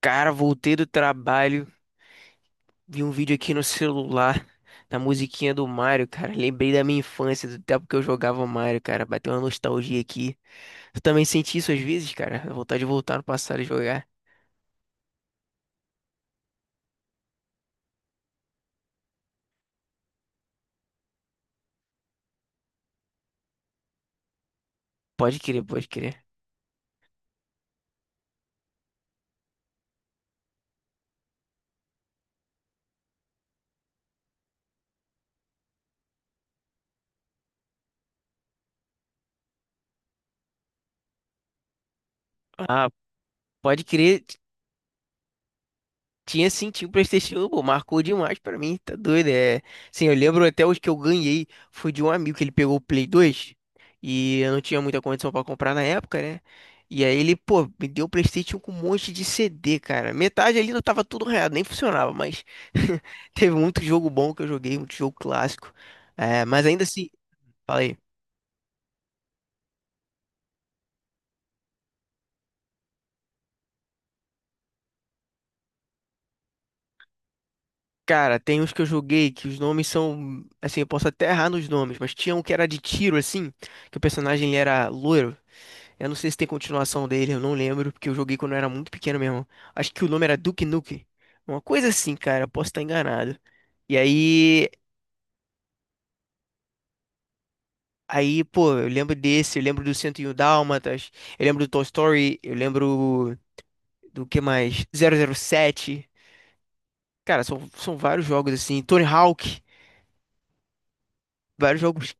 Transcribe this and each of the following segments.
Cara, voltei do trabalho, vi um vídeo aqui no celular, da musiquinha do Mario, cara. Lembrei da minha infância, do tempo que eu jogava Mario, cara. Bateu uma nostalgia aqui. Tu também senti isso às vezes, cara? A vontade de voltar no passado e jogar. Pode crer, pode crer. Ah, pode crer. Tinha sim, tinha o PlayStation 1, pô, marcou demais pra mim, tá doido, é. Sim, eu lembro até hoje que eu ganhei, foi de um amigo que ele pegou o Play 2 e eu não tinha muita condição pra comprar na época, né? E aí ele, pô, me deu o PlayStation 1 com um monte de CD, cara. Metade ali não tava tudo reado, nem funcionava, mas teve muito jogo bom que eu joguei, muito jogo clássico. É, mas ainda assim, falei, cara, tem uns que eu joguei que os nomes são, assim, eu posso até errar nos nomes, mas tinha um que era de tiro assim, que o personagem ele era loiro. Eu não sei se tem continuação dele, eu não lembro, porque eu joguei quando eu era muito pequeno mesmo. Acho que o nome era Duke Nukem. Uma coisa assim, cara, eu posso estar enganado. E aí, pô, eu lembro desse, eu lembro do 101 Dálmatas, eu lembro do Toy Story, eu lembro do que mais? 007. Cara, são vários jogos assim, Tony Hawk, vários jogos,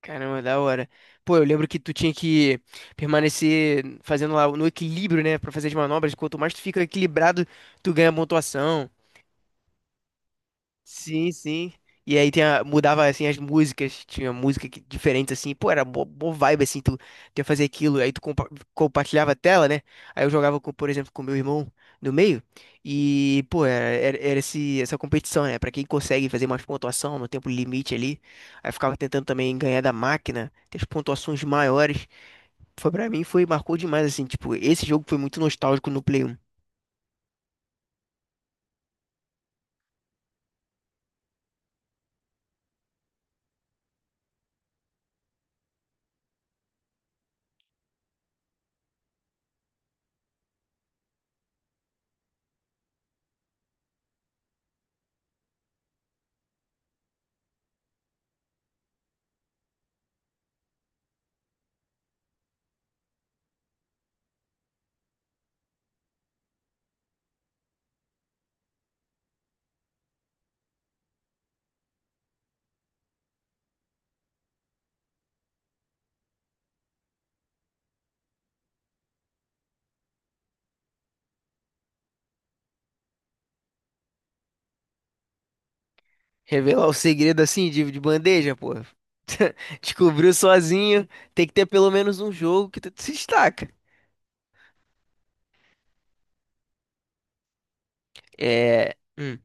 caramba, da hora. Pô, eu lembro que tu tinha que permanecer fazendo lá no equilíbrio, né, pra fazer as manobras, quanto mais tu fica equilibrado, tu ganha pontuação. Sim, sim. E aí tinha, mudava assim as músicas, tinha música que, diferente assim, pô, era boa, vibe assim, tu ia fazer aquilo, aí tu compartilhava a tela, né? Aí eu jogava com, por exemplo, com meu irmão no meio, e pô, era essa competição, né? Pra quem consegue fazer mais pontuação no tempo limite ali. Aí eu ficava tentando também ganhar da máquina, ter as pontuações maiores. Foi pra mim, foi, marcou demais, assim, tipo, esse jogo foi muito nostálgico no Play 1. Revelar o segredo assim de bandeja, pô. Descobriu sozinho, tem que ter pelo menos um jogo que tu se destaca. É.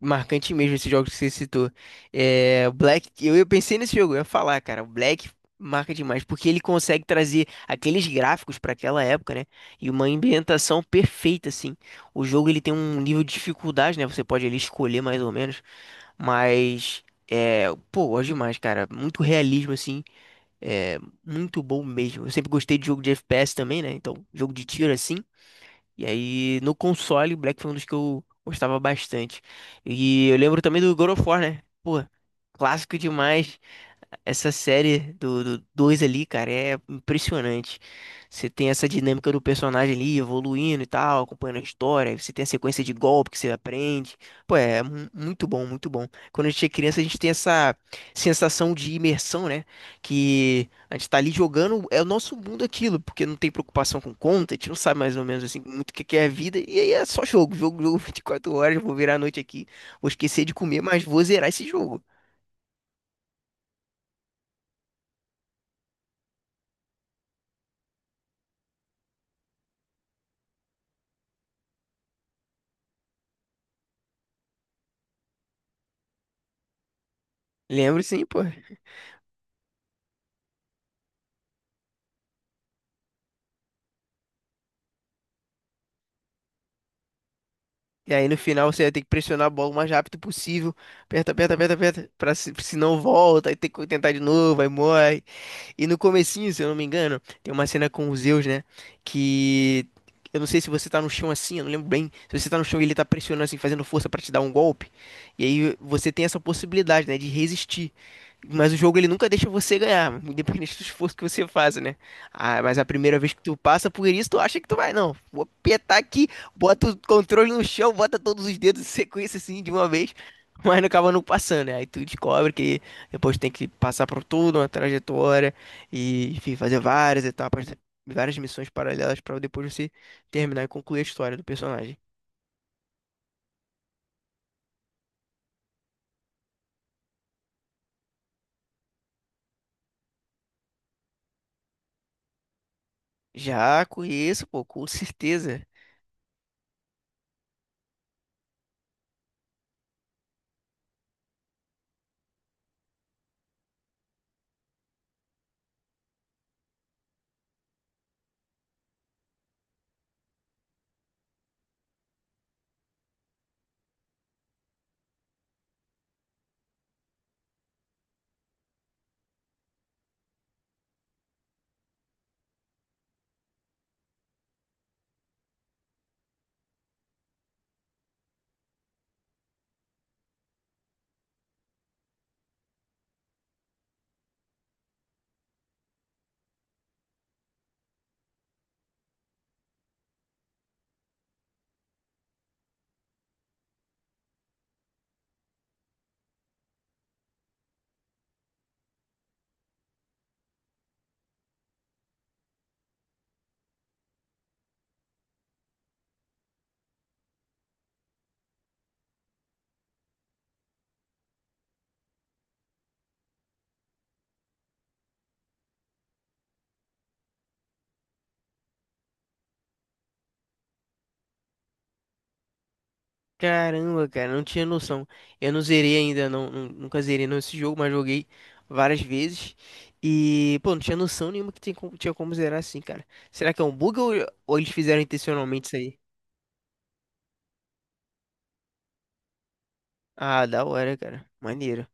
Marcante mesmo esse jogo que você citou. É, o Black, eu pensei nesse jogo, eu ia falar, cara, o Black marca demais, porque ele consegue trazer aqueles gráficos para aquela época, né? E uma ambientação perfeita, assim. O jogo ele tem um nível de dificuldade, né? Você pode ali escolher mais ou menos, mas é, pô, gosto demais, cara. Muito realismo, assim. É muito bom mesmo. Eu sempre gostei de jogo de FPS também, né? Então, jogo de tiro assim. E aí, no console, Black foi um dos que eu gostava bastante. E eu lembro também do God of War, né? Pô, clássico demais. Essa série do dois ali, cara, é impressionante. Você tem essa dinâmica do personagem ali evoluindo e tal, acompanhando a história. Você tem a sequência de golpe que você aprende. Pô, é muito bom, muito bom. Quando a gente é criança, a gente tem essa sensação de imersão, né? Que a gente tá ali jogando, é o nosso mundo aquilo, porque não tem preocupação com conta, a gente não sabe mais ou menos assim muito o que que é a vida. E aí é só jogo, jogo, jogo 24 horas. Vou virar a noite aqui, vou esquecer de comer, mas vou zerar esse jogo. Lembro sim, pô. E aí no final você vai ter que pressionar a bola o mais rápido possível. Aperta, aperta, aperta, aperta. Pra se não volta, aí tem que tentar de novo, aí morre. E no comecinho, se eu não me engano, tem uma cena com o Zeus, né? Que eu não sei se você tá no chão assim, eu não lembro bem. Se você tá no chão e ele tá pressionando assim, fazendo força pra te dar um golpe, e aí você tem essa possibilidade, né, de resistir. Mas o jogo ele nunca deixa você ganhar, independente do esforço que você faça, né? Ah, mas a primeira vez que tu passa por isso, tu acha que tu vai, não, vou apertar aqui, bota o controle no chão, bota todos os dedos em sequência assim de uma vez, mas não acaba não passando, né? Aí tu descobre que depois tem que passar por toda uma trajetória e, enfim, fazer várias etapas, várias missões paralelas para depois você terminar e concluir a história do personagem. Já conheço, pô, com certeza. Caramba, cara, não tinha noção. Eu não zerei ainda, não, nunca zerei não esse jogo, mas joguei várias vezes. E, pô, não tinha noção nenhuma que tinha como zerar assim, cara. Será que é um bug ou, eles fizeram intencionalmente isso aí? Ah, da hora, cara. Maneiro.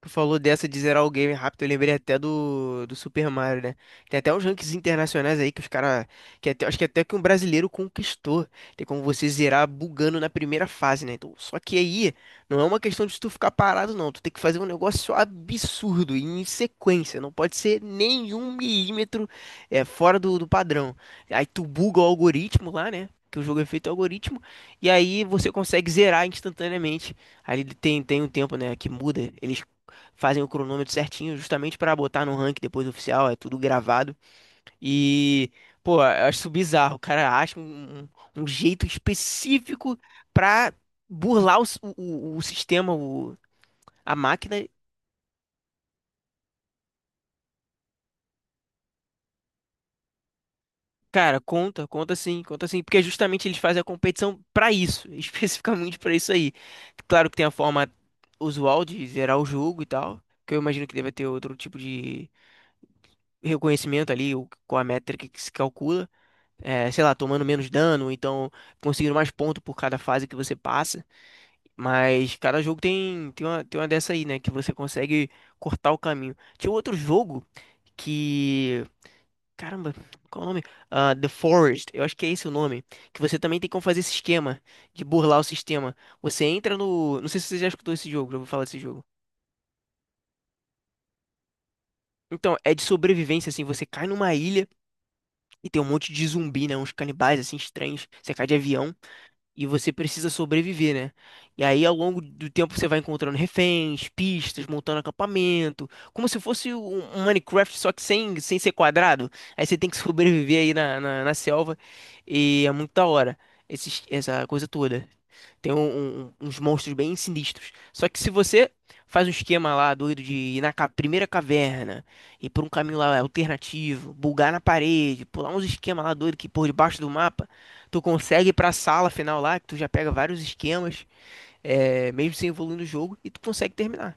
Tu falou dessa de zerar o game rápido, eu lembrei até do Super Mario, né? Tem até uns rankings internacionais aí que os caras. Que até, acho que até que um brasileiro conquistou. Tem como você zerar bugando na primeira fase, né? Então, só que aí não é uma questão de tu ficar parado, não. Tu tem que fazer um negócio absurdo, em sequência. Não pode ser nenhum milímetro é, fora do padrão. Aí tu buga o algoritmo lá, né? Que o jogo é feito algoritmo, e aí você consegue zerar instantaneamente. Aí ele tem um tempo, né, que muda. Eles fazem o cronômetro certinho, justamente para botar no ranking depois oficial, é tudo gravado. E, pô, eu acho isso bizarro. O cara acha um jeito específico pra burlar o sistema, a máquina. Cara, conta, conta sim, porque justamente eles fazem a competição pra isso, especificamente pra isso aí. Claro que tem a forma usual de zerar o jogo e tal, que eu imagino que deve ter outro tipo de reconhecimento ali, com a métrica que se calcula. É, sei lá, tomando menos dano, ou então conseguindo mais ponto por cada fase que você passa. Mas cada jogo tem uma dessa aí, né? Que você consegue cortar o caminho. Tinha um outro jogo que. Caramba, qual é o nome? Ah, The Forest, eu acho que é esse o nome. Que você também tem como fazer esse esquema de burlar o sistema. Você entra no. Não sei se você já escutou esse jogo, já vou falar desse jogo. Então, é de sobrevivência, assim, você cai numa ilha e tem um monte de zumbi, né? Uns canibais, assim, estranhos. Você cai de avião. E você precisa sobreviver, né? E aí, ao longo do tempo, você vai encontrando reféns, pistas, montando acampamento, como se fosse um Minecraft, só que sem ser quadrado. Aí você tem que sobreviver aí na selva, e é muito da hora, essa coisa toda. Tem uns monstros bem sinistros. Só que se você faz um esquema lá doido de ir na primeira caverna, ir por um caminho lá alternativo, bugar na parede, pular uns esquemas lá doido que por debaixo do mapa, tu consegue ir pra sala final lá, que tu já pega vários esquemas, é, mesmo sem evoluir no jogo, e tu consegue terminar.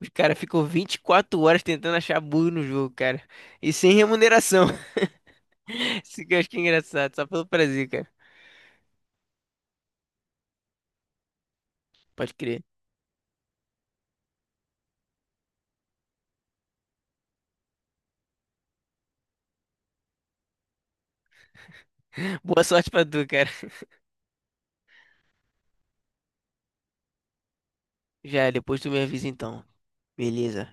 Os caras ficam 24 horas tentando achar bug no jogo, cara. E sem remuneração. Isso que eu acho que é engraçado, só pelo prazer, cara. Pode crer. Boa sorte pra tu, cara. Já, depois tu me avisa então. Beleza,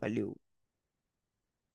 valeu.